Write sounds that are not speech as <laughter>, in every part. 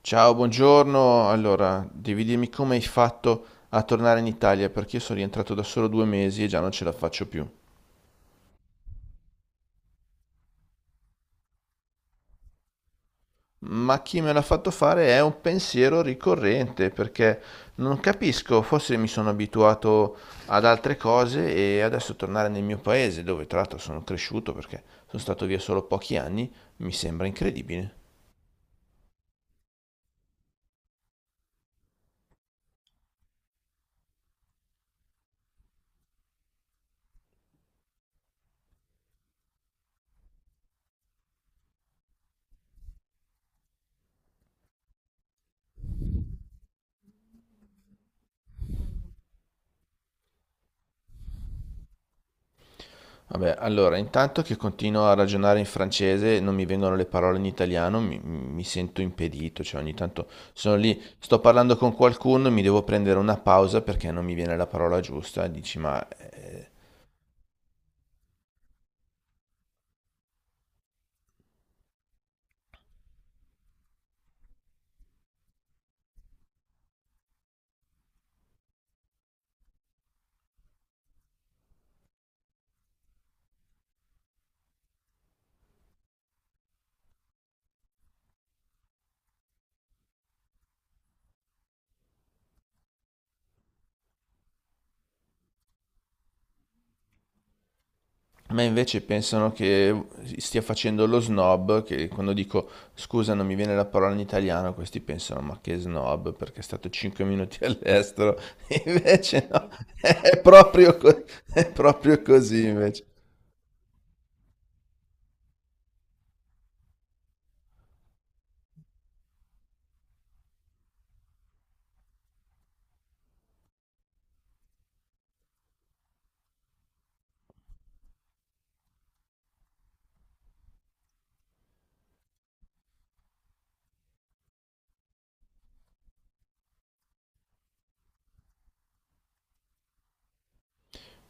Ciao, buongiorno. Allora, devi dirmi come hai fatto a tornare in Italia perché io sono rientrato da solo 2 mesi e già non ce la faccio più. Ma chi me l'ha fatto fare è un pensiero ricorrente perché non capisco, forse mi sono abituato ad altre cose e adesso tornare nel mio paese, dove tra l'altro sono cresciuto perché sono stato via solo pochi anni, mi sembra incredibile. Vabbè, allora, intanto che continuo a ragionare in francese, non mi vengono le parole in italiano, mi sento impedito, cioè ogni tanto sono lì, sto parlando con qualcuno, mi devo prendere una pausa perché non mi viene la parola giusta, e dici, ma. Ma invece pensano che stia facendo lo snob, che quando dico scusa non mi viene la parola in italiano, questi pensano ma che snob perché è stato 5 minuti all'estero, <laughs> invece no, <laughs> è proprio, è proprio così invece.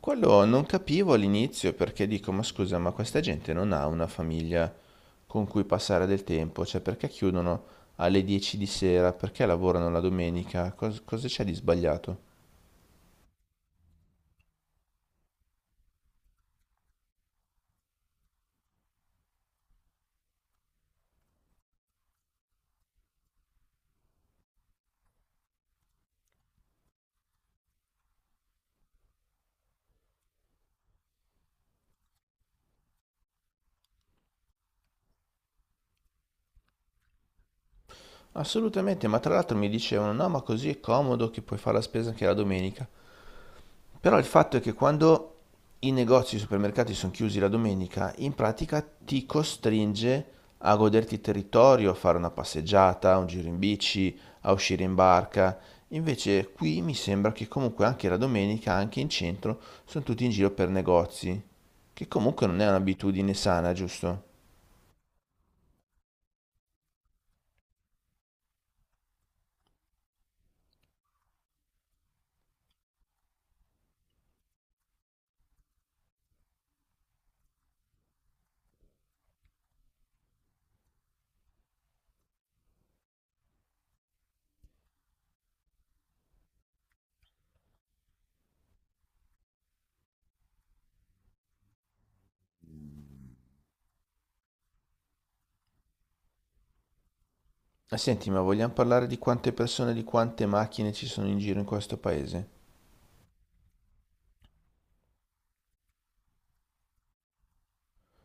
Quello non capivo all'inizio perché dico, ma scusa, ma questa gente non ha una famiglia con cui passare del tempo, cioè perché chiudono alle 10 di sera, perché lavorano la domenica, cosa c'è di sbagliato? Assolutamente, ma tra l'altro mi dicevano, no, ma così è comodo che puoi fare la spesa anche la domenica. Però il fatto è che quando i negozi, e i supermercati sono chiusi la domenica, in pratica ti costringe a goderti il territorio, a fare una passeggiata, un giro in bici, a uscire in barca. Invece qui mi sembra che comunque anche la domenica, anche in centro, sono tutti in giro per negozi, che comunque non è un'abitudine sana, giusto? Ah, senti, ma vogliamo parlare di quante persone, di quante macchine ci sono in giro in questo paese?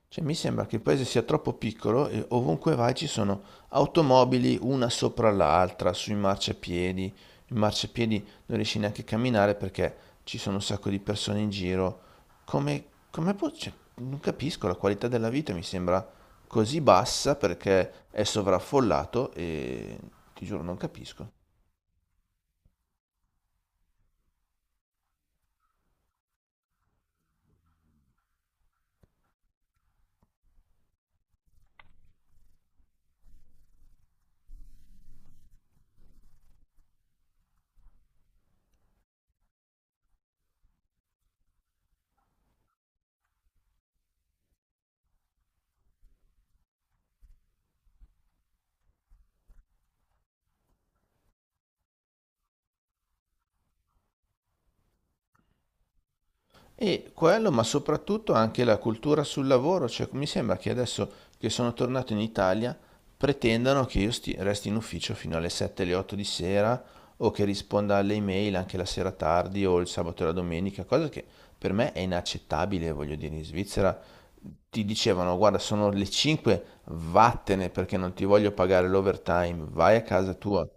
Cioè, mi sembra che il paese sia troppo piccolo e ovunque vai ci sono automobili una sopra l'altra, sui marciapiedi. In marciapiedi non riesci neanche a camminare perché ci sono un sacco di persone in giro. Come, come può, cioè, non capisco, la qualità della vita mi sembra così bassa perché è sovraffollato e ti giuro non capisco. E quello, ma soprattutto anche la cultura sul lavoro, cioè mi sembra che adesso che sono tornato in Italia pretendano che io resti in ufficio fino alle 7, alle 8 di sera o che risponda alle email anche la sera tardi o il sabato e la domenica, cosa che per me è inaccettabile, voglio dire, in Svizzera ti dicevano guarda sono le 5, vattene perché non ti voglio pagare l'overtime, vai a casa tua.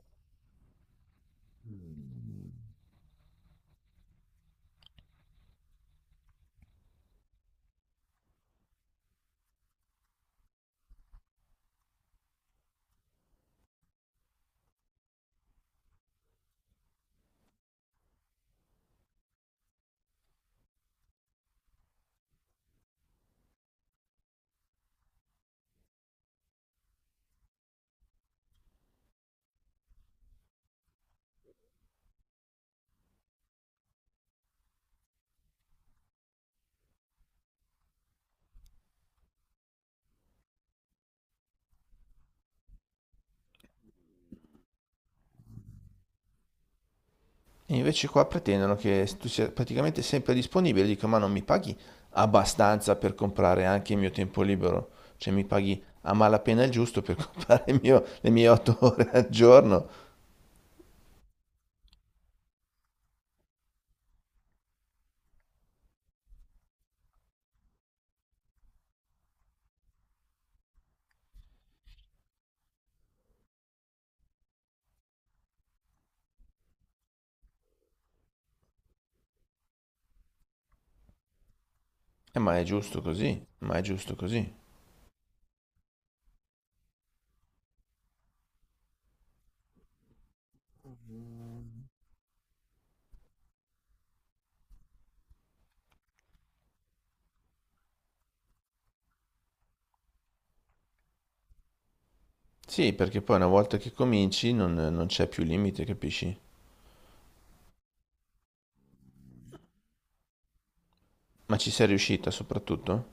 E invece qua pretendono che tu sia praticamente sempre disponibile. Dico, ma non mi paghi abbastanza per comprare anche il mio tempo libero? Cioè mi paghi a malapena il giusto per <laughs> comprare le mie 8 <laughs> ore al giorno? Ma è giusto così, ma è giusto così. Sì, perché poi una volta che cominci non c'è più limite, capisci? Ma ci sei riuscita soprattutto?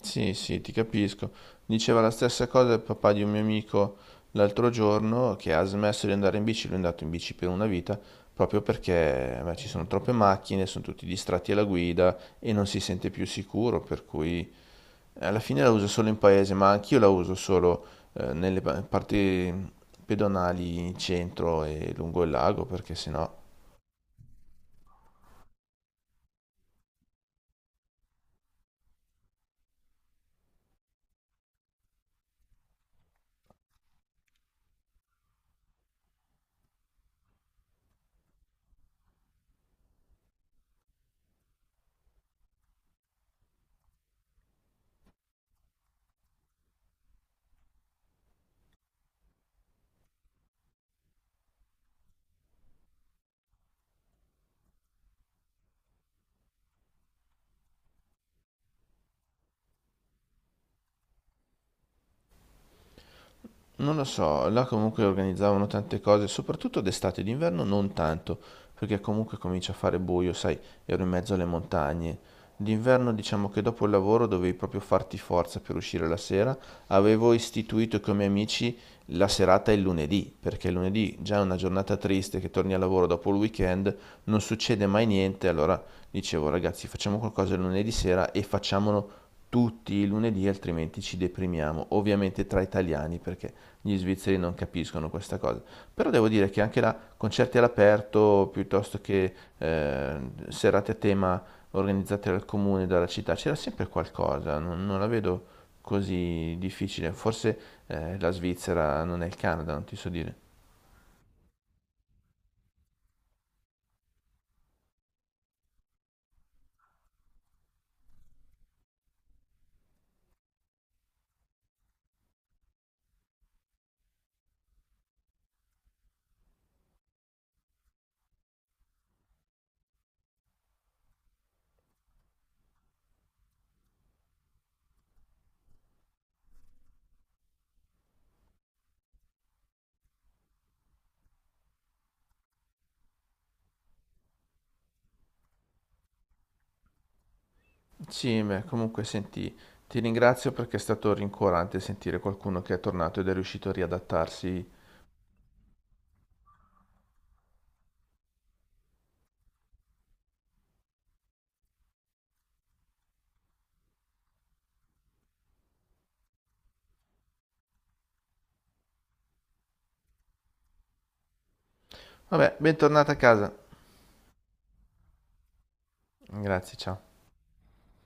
Sì, sì, ti capisco. Diceva la stessa cosa il papà di un mio amico l'altro giorno che ha smesso di andare in bici, lui è andato in bici per una vita, proprio perché beh, ci sono troppe macchine, sono tutti distratti alla guida e non si sente più sicuro, per cui alla fine la uso solo in paese, ma anch'io la uso solo nelle parti pedonali in centro e lungo il lago, perché sennò. Non lo so, là comunque organizzavano tante cose, soprattutto d'estate, d'inverno non tanto, perché comunque comincia a fare buio, sai, ero in mezzo alle montagne. D'inverno diciamo che dopo il lavoro dovevi proprio farti forza per uscire la sera. Avevo istituito con i miei amici la serata il lunedì, perché il lunedì già è una giornata triste che torni al lavoro dopo il weekend, non succede mai niente, allora dicevo ragazzi facciamo qualcosa il lunedì sera e facciamolo tutti i lunedì, altrimenti ci deprimiamo. Ovviamente tra italiani, perché gli svizzeri non capiscono questa cosa. Però devo dire che anche là, concerti all'aperto, piuttosto che serate a tema organizzate dal comune, dalla città, c'era sempre qualcosa, non la vedo così difficile. Forse la Svizzera non è il Canada, non ti so dire. Sì, beh, comunque senti, ti ringrazio perché è stato rincuorante sentire qualcuno che è tornato ed è riuscito a riadattarsi. Vabbè, bentornata a casa. Grazie, ciao.